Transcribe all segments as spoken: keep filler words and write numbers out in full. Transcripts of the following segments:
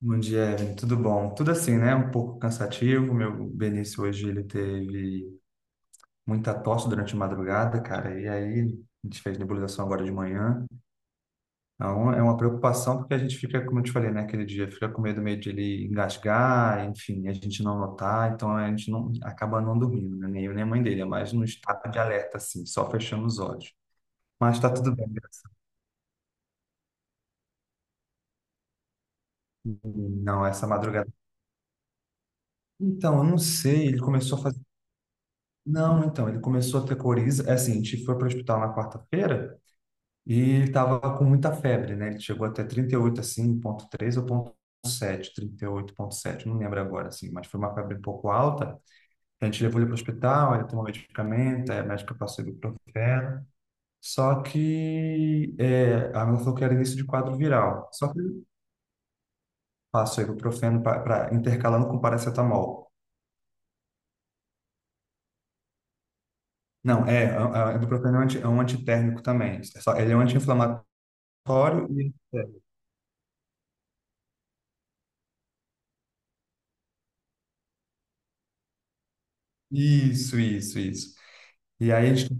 Bom dia, Evelyn. Tudo bom? Tudo assim, né? Um pouco cansativo. Meu Benício hoje ele teve muita tosse durante a madrugada, cara. E aí a gente fez nebulização agora de manhã. Então é uma preocupação porque a gente fica, como eu te falei, né? Aquele dia fica com medo meio de ele engasgar, enfim, a gente não notar. Então a gente não acaba não dormindo, né? Nem eu nem a mãe dele, é mais no estado de alerta, assim, só fechando os olhos. Mas tá tudo bem, graças a Deus. Não, essa madrugada. Então, eu não sei. Ele começou a fazer. Não, então, ele começou a ter coriza. É assim, a gente foi para o hospital na quarta-feira e ele estava com muita febre, né? Ele chegou até trinta e oito assim, ponto três, ou ponto sete, trinta e oito ponto sete, não lembro agora, assim, mas foi uma febre um pouco alta. A gente levou ele para o hospital, ele tomou medicamento, aí a médica passou ibuprofeno. Só que é, a minha falou que era início de quadro viral. Só que ele passou ibuprofeno para intercalando com paracetamol. Não, é, a, a ibuprofeno é um anti- é um antitérmico também. É só- Ele é um anti-inflamatório. Isso, isso, isso. E aí a gente,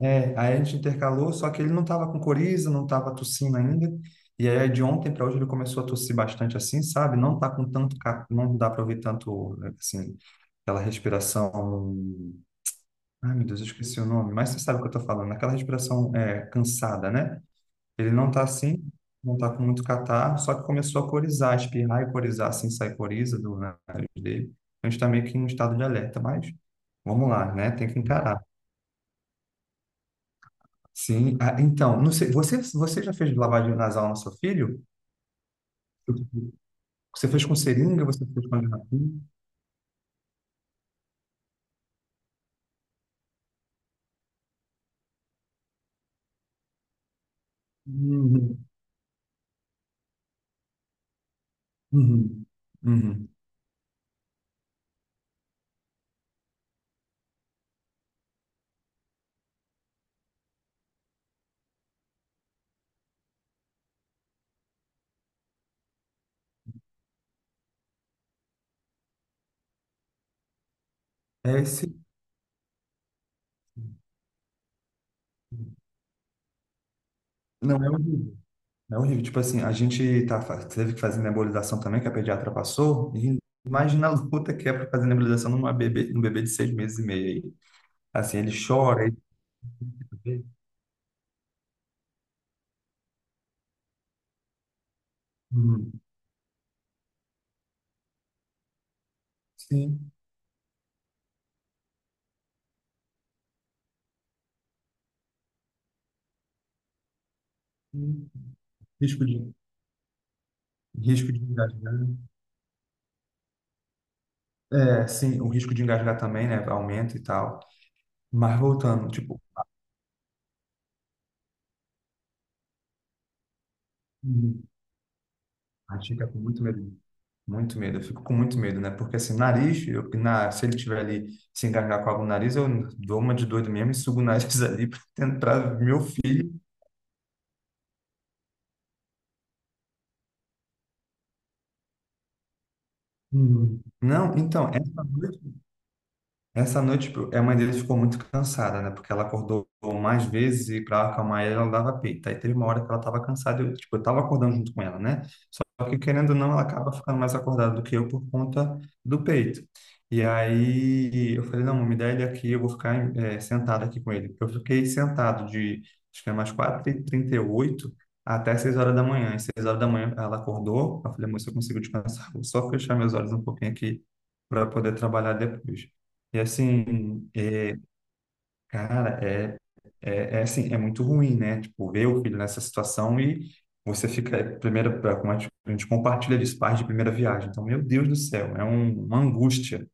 é, aí a gente intercalou, só que ele não estava com coriza, não estava tossindo ainda. E aí de ontem para hoje ele começou a tossir bastante assim, sabe? Não tá com tanto, ca- não dá para ouvir tanto, assim, aquela respiração. Ai, meu Deus, eu esqueci o nome, mas você sabe o que eu tô falando, aquela respiração é, cansada, né? Ele não tá assim, não tá com muito catarro, só que começou a corizar, espirrar e corizar, assim, sai coriza do nariz dele. Então, a gente tá meio que em um estado de alerta, mas vamos lá, né? Tem que encarar. Sim, ah, então, não sei, você, você já fez lavagem nasal no seu filho? Você fez com seringa, você fez com a garrafinha? Uhum, uhum, uhum. É esse, não é o. É horrível. Tipo assim, a gente tá, fa- teve que fazer nebulização também, que a pediatra passou. E imagina a luta que é para fazer nebulização numa bebê, num bebê de seis meses e meio aí. Assim, ele chora. Ele... Uhum. Sim. Sim. Risco de, risco de engasgar. É, sim, o risco de engasgar também, né? Aumenta e tal. Mas voltando, tipo, uhum, a gente fica com muito medo. Muito medo, eu fico com muito medo, né? Porque assim, nariz, eu, na, se ele tiver ali se engasgar com algo no nariz, eu dou uma de doido mesmo e sugo o nariz ali para tentar meu filho. Hum. Não, então, essa noite. Essa noite, tipo, a mãe dele ficou muito cansada, né? Porque ela acordou mais vezes e para acalmar ela, ela dava peito. Aí teve uma hora que ela estava cansada, eu, tipo, eu estava acordando junto com ela, né? Só que, querendo ou não, ela acaba ficando mais acordada do que eu por conta do peito. E aí eu falei, não, me dá ele aqui, eu vou ficar eh, sentado aqui com ele. Eu fiquei sentado de, acho que é mais quatro e trinta e oito até seis horas da manhã. E seis horas da manhã ela acordou, eu falei, moça, eu consigo descansar, vou só fechar meus olhos um pouquinho aqui para poder trabalhar depois. E assim, é, cara, é, é, é assim, é muito ruim, né? Tipo, ver o filho nessa situação e você fica, é, primeira, como a gente a gente compartilha disso, pais de primeira viagem. Então, meu Deus do céu, é um- uma angústia.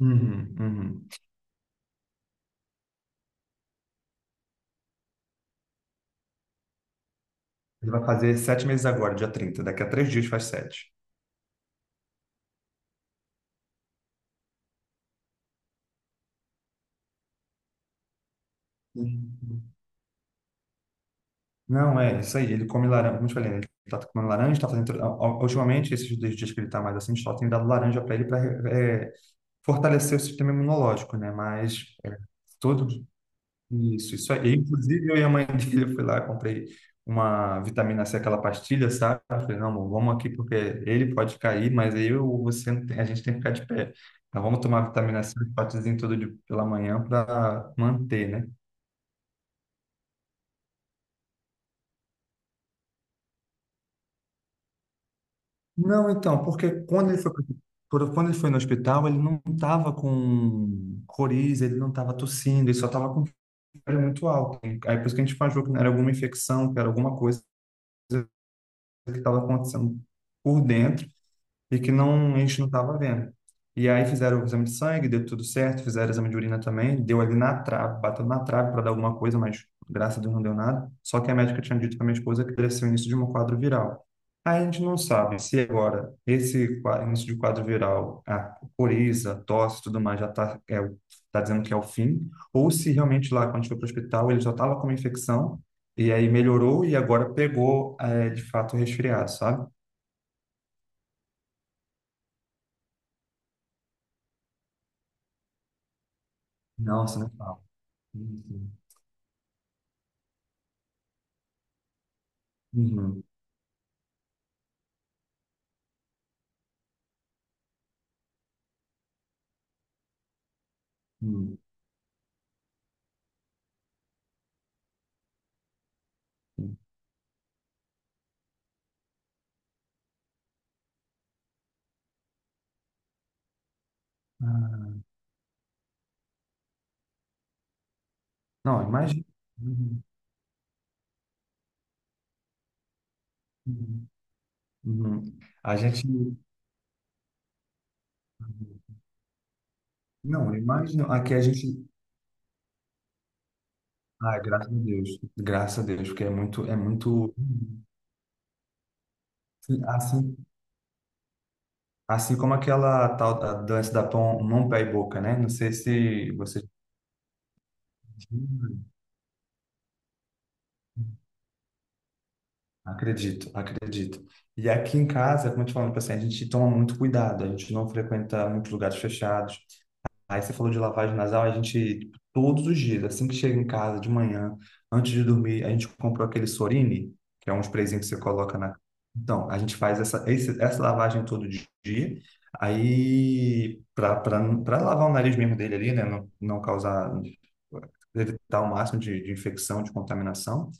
Uhum, uhum. Ele vai fazer sete meses agora, dia trinta daqui a três dias faz sete. Uhum. Não, é isso aí, ele come laranja, como eu te falei, né? Ele tá comendo laranja, tá fazendo, a- a- ultimamente, esses dois dias que ele tá mais assim, a gente só tem dado laranja para ele para fortalecer o sistema imunológico, né? Mas... é, todo. Isso, isso aí. Inclusive, eu e a mãe dele, eu fui lá, comprei uma vitamina C, aquela pastilha, sabe? Eu falei, não, amor, vamos aqui porque ele pode cair, mas eu ou você, não tem- a gente tem que ficar de pé. Então, vamos tomar vitamina C, um potezinho todo de, pela manhã para manter, né? Não, então, porque quando ele foi, pro- quando ele foi no hospital, ele não estava com coriza, ele não estava tossindo, ele só estava com febre muito alta. Aí, por isso que a gente achou que era alguma infecção, que era alguma coisa que estava acontecendo por dentro e que não, a gente não estava vendo. E aí fizeram o exame de sangue, deu tudo certo, fizeram o exame de urina também, deu ali na trave, bateu na trave para dar alguma coisa, mas graças a Deus não deu nada. Só que a médica tinha dito para minha esposa que poderia ser o início de um quadro viral. Aí a gente não sabe se agora esse qua- início de quadro viral, a coriza, tosse, tudo mais, já está é, o- tá dizendo que é o fim, ou se realmente lá, quando a gente foi para o hospital, ele já estava com uma infecção, e aí melhorou e agora pegou, é, de fato, o resfriado, sabe? Nossa, não fala. Uhum, uhum, uhum. Ah, não, imagina. Uhum, uhum, uhum. A gente. Não, eu imagino. Aqui a gente. Ah, graças a Deus. Graças a Deus, porque é muito, é muito. Assim, assim, assim como aquela tal da dança da pão, mão, pé e boca, né? Não sei se você. Acredito, acredito. E aqui em casa, como eu te falando tipo assim, a gente toma muito cuidado, a gente não frequenta muitos lugares fechados. Aí você falou de lavagem nasal, a gente, tipo, todos os dias, assim que chega em casa de manhã, antes de dormir, a gente comprou aquele Sorine, que é um sprayzinho que você coloca na. Então, a gente faz essa, esse- essa lavagem todo dia, aí para lavar o nariz mesmo dele ali, né? Não, não causar, evitar o máximo de, de infecção, de contaminação.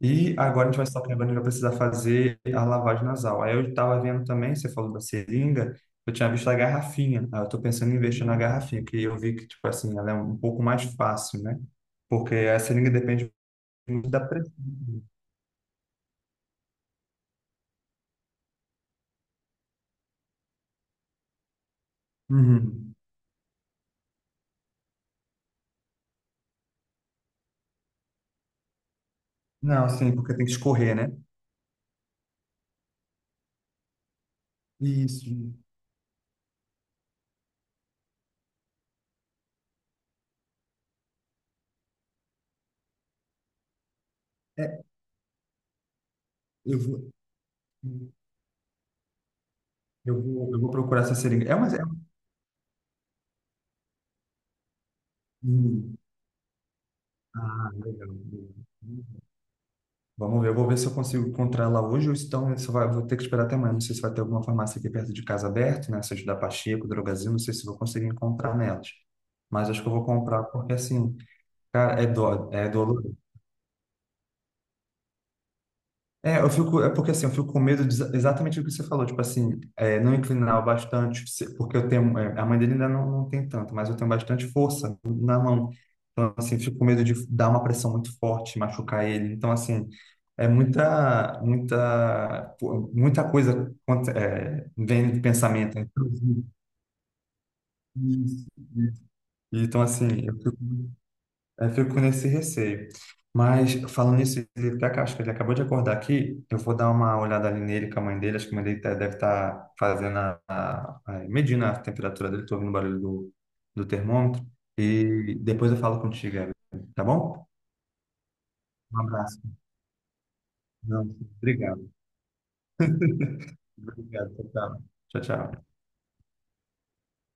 E agora a gente vai estar lembrando que vai precisar fazer a lavagem nasal. Aí eu estava vendo também, você falou da seringa, eu tinha visto a garrafinha. Aí eu estou pensando em investir na garrafinha, porque eu vi que, tipo assim, ela é um pouco mais fácil, né? Porque a seringa depende muito da pressão. Uhum. Não, sim, porque tem que escorrer, né? Isso. É, eu vou, eu vou, eu vou procurar essa seringa. É uma, é uma... Hum. Ah, legal. Vamos ver, eu vou ver se eu consigo encontrar ela hoje ou então se vai, vou ter que esperar até amanhã. Não sei se vai ter alguma farmácia aqui perto de casa aberta, né? Seja da Pacheco, Drogasil, não sei se vou conseguir encontrar nelas. Mas acho que eu vou comprar porque, assim, cara, é, do, é doloroso. É, eu fico, é porque assim, eu fico com medo de exa- exatamente o que você falou, tipo assim, é, não inclinar o bastante, se- porque eu tenho, é, a mãe dele ainda não, não tem tanto, mas eu tenho bastante força na mão. Então, assim, eu fico com medo de dar uma pressão muito forte, machucar ele. Então, assim, é muita, muita, pô, muita coisa contra- é, vem de pensamento. Né? Então, assim, isso, isso. Então, assim, é, eu fico com esse receio. Mas falando nisso, ele até ac- acho que ele acabou de acordar aqui. Eu vou dar uma olhada ali nele com a mãe dele. Acho que a mãe dele tá- deve estar fazendo a, a- a- medindo a temperatura dele. Estou ouvindo o barulho do, do termômetro. E depois eu falo contigo, Evelyn, tá bom? Um abraço. Não, obrigado. Obrigado. Tchau, tchau. Tchau, tchau.